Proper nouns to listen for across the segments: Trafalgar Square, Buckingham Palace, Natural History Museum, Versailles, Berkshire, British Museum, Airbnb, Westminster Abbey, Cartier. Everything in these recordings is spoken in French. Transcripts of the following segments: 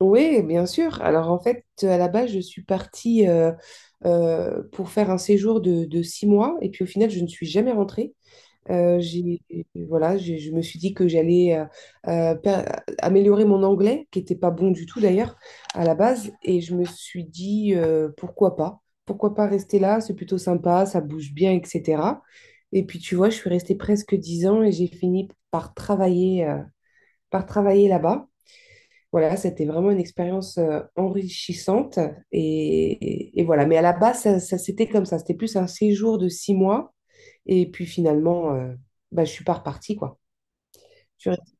Oui, bien sûr. Alors en fait, à la base, je suis partie pour faire un séjour de 6 mois et puis au final, je ne suis jamais rentrée. Euh, j'ai, voilà, je me suis dit que j'allais euh, per- améliorer mon anglais, qui n'était pas bon du tout d'ailleurs à la base, et je me suis dit pourquoi pas rester là, c'est plutôt sympa, ça bouge bien, etc. Et puis tu vois, je suis restée presque 10 ans et j'ai fini par par travailler là-bas. Voilà, c'était vraiment une expérience enrichissante. Et, et voilà. Mais à la base, ça, c'était comme ça. C'était plus un séjour de 6 mois. Et puis finalement, bah, je suis pas repartie, quoi. Je suis restée,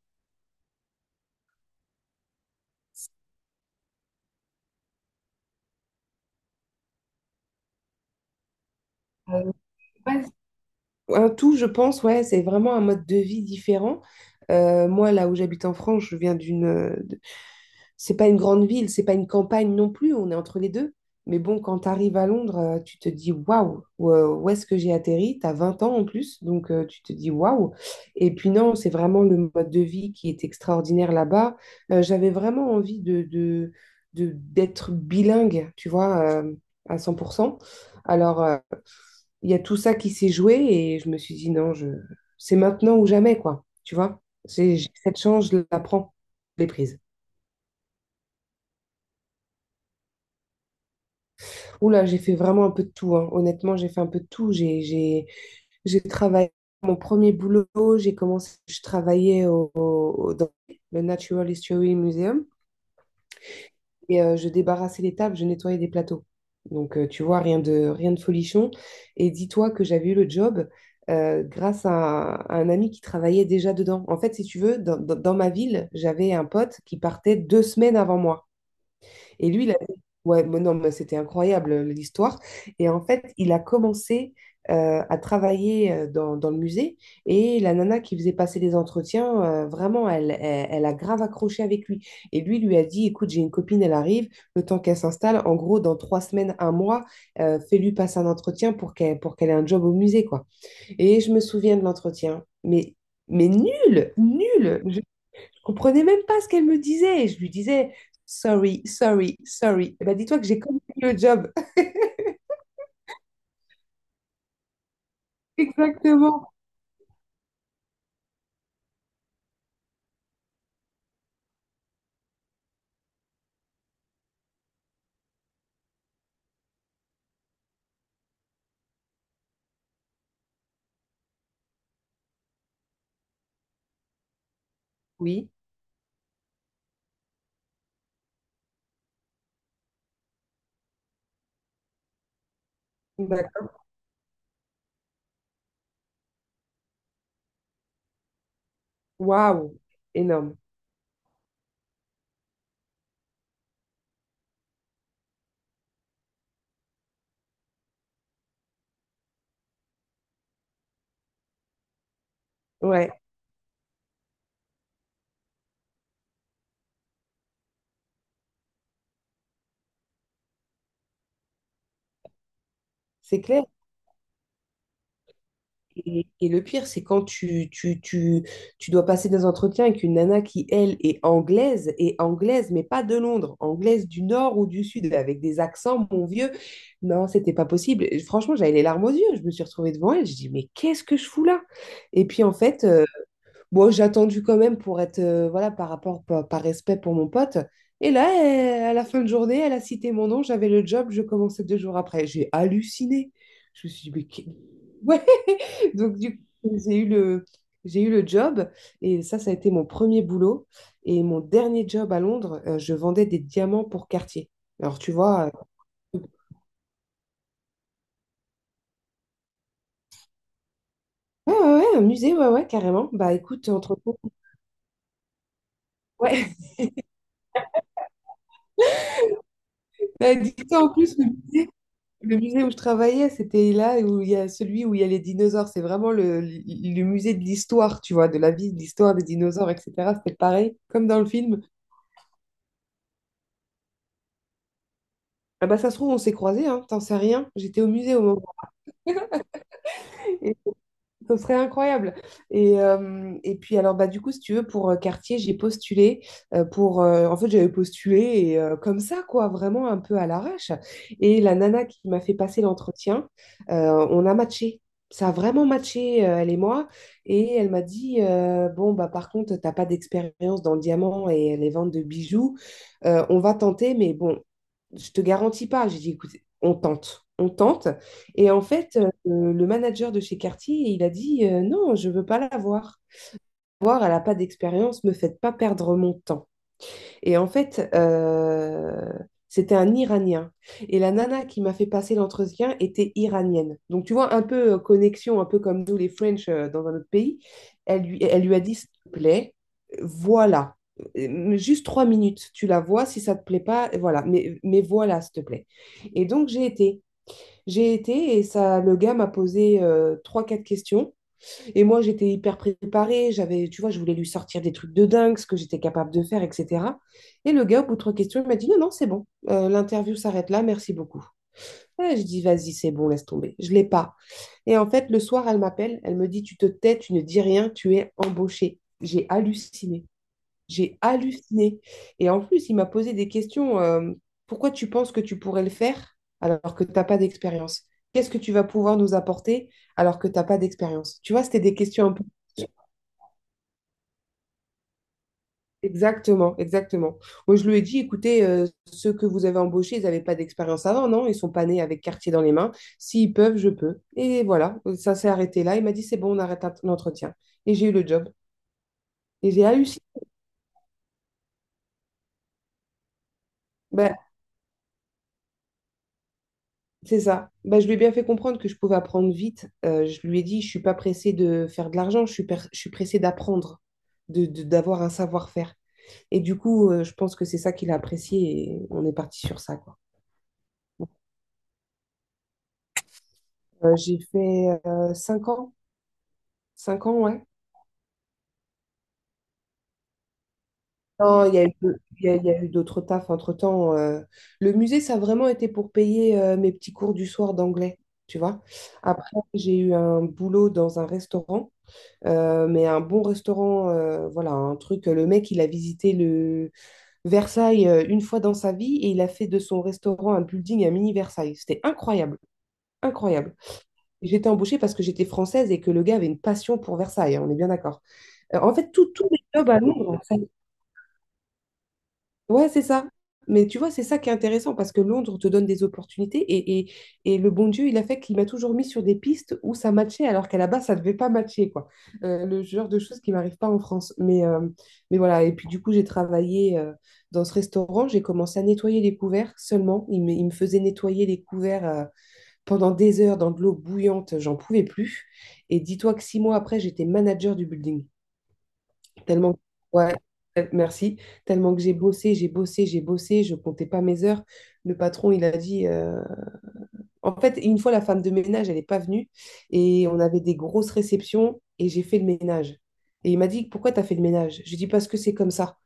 euh, ouais, un tout, je pense, ouais, c'est vraiment un mode de vie différent. Moi, là où j'habite en France, je viens d'une c'est pas une grande ville, c'est pas une campagne non plus, on est entre les deux. Mais bon, quand tu arrives à Londres, tu te dis waouh, où est-ce que j'ai atterri? Tu as 20 ans en plus, donc tu te dis waouh. Et puis non, c'est vraiment le mode de vie qui est extraordinaire là-bas. J'avais vraiment envie d'être bilingue, tu vois, à 100%. Alors, il y a tout ça qui s'est joué et je me suis dit non, c'est maintenant ou jamais, quoi. Tu vois, j'ai cette chance, je la prends, je l'ai prise. Oula, j'ai fait vraiment un peu de tout, hein. Honnêtement, j'ai fait un peu de tout. J'ai travaillé mon premier boulot, j'ai commencé, je travaillais dans le Natural History Museum et je débarrassais les tables, je nettoyais des plateaux. Donc, tu vois, rien de folichon. Et dis-toi que j'avais eu le job grâce à un ami qui travaillait déjà dedans. En fait, si tu veux, dans ma ville, j'avais un pote qui partait 2 semaines avant moi. Et lui, il avait. Ouais, mais non, mais c'était incroyable l'histoire. Et en fait, il a commencé à travailler dans le musée. Et la nana qui faisait passer les entretiens, vraiment, elle a grave accroché avec lui. Et lui a dit, écoute, j'ai une copine, elle arrive, le temps qu'elle s'installe, en gros, dans 3 semaines, un mois, fais-lui passer un entretien pour qu'elle ait un job au musée, quoi. Et je me souviens de l'entretien, mais nul, nul comprenais même pas ce qu'elle me disait. Et je lui disais, sorry, sorry, sorry. Eh ben, dis-toi que j'ai compris le job. Exactement. Oui, d'accord. Waouh, énorme. Ouais, c'est clair. Et le pire, c'est quand tu dois passer des entretiens avec une nana qui, elle, est anglaise, et anglaise, mais pas de Londres, anglaise du nord ou du sud, avec des accents, mon vieux. Non, c'était pas possible. Et franchement, j'avais les larmes aux yeux. Je me suis retrouvée devant elle. Je dis, mais qu'est-ce que je fous là? Et puis, en fait, bon, j'ai attendu quand même pour être, voilà, par respect pour mon pote. Et là, à la fin de journée, elle a cité mon nom, j'avais le job, je commençais 2 jours après. J'ai halluciné. Je me suis dit, mais. Ouais! Donc, du coup, j'ai eu le job. Et ça a été mon premier boulot. Et mon dernier job à Londres, je vendais des diamants pour Cartier. Alors, tu vois, ouais, ouais, ouais, un musée, ouais, ouais, carrément. Bah, écoute, entre-temps, ouais, dis en plus, le musée où je travaillais, c'était là où il y a celui où il y a les dinosaures. C'est vraiment le musée de l'histoire, tu vois, de la vie, de l'histoire des dinosaures, etc. C'était pareil, comme dans le film. Ah bah ça se trouve, on s'est croisés, hein, t'en sais rien. J'étais au musée au moment. Ce serait incroyable. Et puis alors bah du coup si tu veux pour quartier j'ai postulé pour en fait j'avais postulé et, comme ça quoi vraiment un peu à l'arrache et la nana qui m'a fait passer l'entretien on a matché ça a vraiment matché elle et moi et elle m'a dit bon bah par contre t'as pas d'expérience dans le diamant et les ventes de bijoux. On va tenter mais bon je te garantis pas. J'ai dit, écoute, on tente, on tente. Et en fait, le manager de chez Cartier, il a dit, non, je veux pas la voir. Voir, elle n'a pas d'expérience, me faites pas perdre mon temps. Et en fait, c'était un Iranien. Et la nana qui m'a fait passer l'entretien était iranienne. Donc, tu vois, un peu connexion, un peu comme nous, les French, dans un autre pays. Elle lui a dit, s'il te plaît, voilà. Juste 3 minutes, tu la vois, si ça te plaît pas, voilà, mais voilà, s'il te plaît. Et donc j'ai été et ça, le gars m'a posé trois, quatre questions et moi, j'étais hyper préparée, tu vois, je voulais lui sortir des trucs de dingue, ce que j'étais capable de faire, etc. Et le gars, au bout de trois questions, il m'a dit, non, non, c'est bon. L'interview s'arrête là, merci beaucoup. Et je dis, vas-y, c'est bon, laisse tomber, je ne l'ai pas. Et en fait, le soir, elle m'appelle, elle me dit, tu te tais, tu ne dis rien, tu es embauchée. J'ai halluciné. J'ai halluciné. Et en plus, il m'a posé des questions. Pourquoi tu penses que tu pourrais le faire alors que tu n'as pas d'expérience? Qu'est-ce que tu vas pouvoir nous apporter alors que tu n'as pas d'expérience? Tu vois, c'était des questions un peu. Exactement, exactement. Moi, je lui ai dit, écoutez, ceux que vous avez embauchés, ils n'avaient pas d'expérience avant, non? Ils sont pas nés avec quartier dans les mains. S'ils peuvent, je peux. Et voilà, ça s'est arrêté là. Il m'a dit, c'est bon, on arrête l'entretien. Et j'ai eu le job. Et j'ai halluciné. Ben, c'est ça. Bah, je lui ai bien fait comprendre que je pouvais apprendre vite. Je lui ai dit, je suis pas pressée de faire de l'argent, je suis pressée d'apprendre, d'avoir un savoir-faire. Et du coup, je pense que c'est ça qu'il a apprécié et on est parti sur ça, quoi. J'ai fait 5 ans. 5 ans, ouais. Non, il y a eu, il y a eu d'autres tafs entre-temps. Le musée, ça a vraiment été pour payer mes petits cours du soir d'anglais, tu vois. Après, j'ai eu un boulot dans un restaurant. Mais un bon restaurant, voilà, un truc. Le mec, il a visité le Versailles une fois dans sa vie et il a fait de son restaurant un building, un mini Versailles. C'était incroyable, incroyable. J'étais embauchée parce que j'étais française et que le gars avait une passion pour Versailles, hein, on est bien d'accord. En fait, tous les jobs à Londres, ça. Ouais, c'est ça. Mais tu vois, c'est ça qui est intéressant parce que Londres te donne des opportunités et le bon Dieu, il a fait qu'il m'a toujours mis sur des pistes où ça matchait alors qu'à la base, ça ne devait pas matcher, quoi. Le genre de choses qui m'arrivent pas en France. Mais voilà, et puis du coup, j'ai travaillé dans ce restaurant, j'ai commencé à nettoyer les couverts seulement. Il me faisait nettoyer les couverts pendant des heures dans de l'eau bouillante, j'en pouvais plus. Et dis-toi que 6 mois après, j'étais manager du building. Tellement, ouais, merci. Tellement que j'ai bossé, j'ai bossé, j'ai bossé, je comptais pas mes heures. Le patron, il a dit. En fait, une fois, la femme de ménage, elle n'est pas venue et on avait des grosses réceptions et j'ai fait le ménage. Et il m'a dit, pourquoi tu as fait le ménage? Je lui ai dit, parce que c'est comme ça.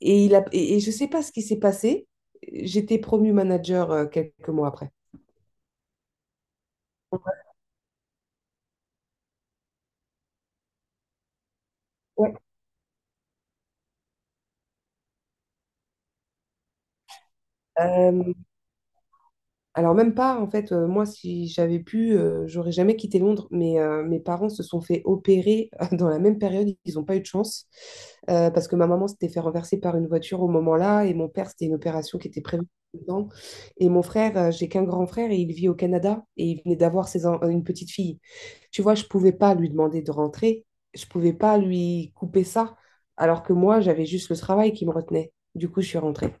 Et, je sais pas ce qui s'est passé. J'étais promue manager quelques mois après. Ouais. Euh, Alors même pas, en fait, moi, si j'avais pu, j'aurais jamais quitté Londres, mais mes parents se sont fait opérer dans la même période, ils n'ont pas eu de chance, parce que ma maman s'était fait renverser par une voiture au moment-là, et mon père, c'était une opération qui était prévue dedans. Et mon frère, j'ai qu'un grand frère, et il vit au Canada, et il venait d'avoir une petite fille. Tu vois, je pouvais pas lui demander de rentrer, je pouvais pas lui couper ça, alors que moi, j'avais juste le travail qui me retenait. Du coup, je suis rentrée.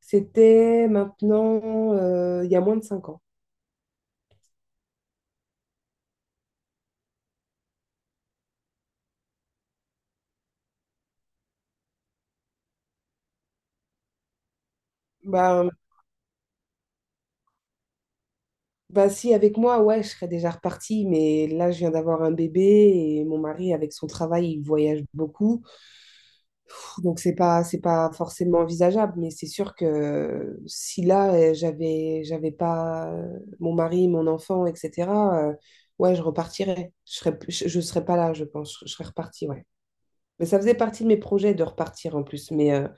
C'était maintenant, il y a moins de 5 ans. Bah, bah, si, avec moi, ouais, je serais déjà repartie, mais là, je viens d'avoir un bébé et mon mari, avec son travail, il voyage beaucoup. Donc, c'est pas forcément envisageable, mais c'est sûr que si là, j'avais pas mon mari, mon enfant, etc., euh, ouais, je repartirais. Je serais pas là, je pense. Je serais repartie, ouais. Mais ça faisait partie de mes projets de repartir en plus. Mais, euh,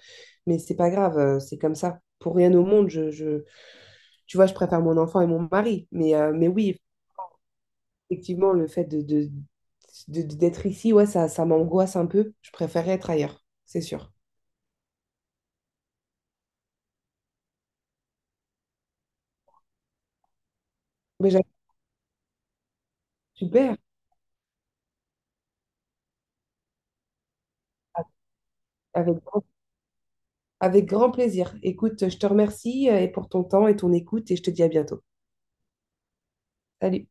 mais c'est pas grave, c'est comme ça. Pour rien au monde, tu vois, je préfère mon enfant et mon mari. Mais oui, effectivement, le fait d'être ici, ouais, ça m'angoisse un peu. Je préférerais être ailleurs, c'est sûr. Mais j'avoue, super, avec grand, avec grand plaisir. Écoute, je te remercie et pour ton temps et ton écoute et je te dis à bientôt. Salut.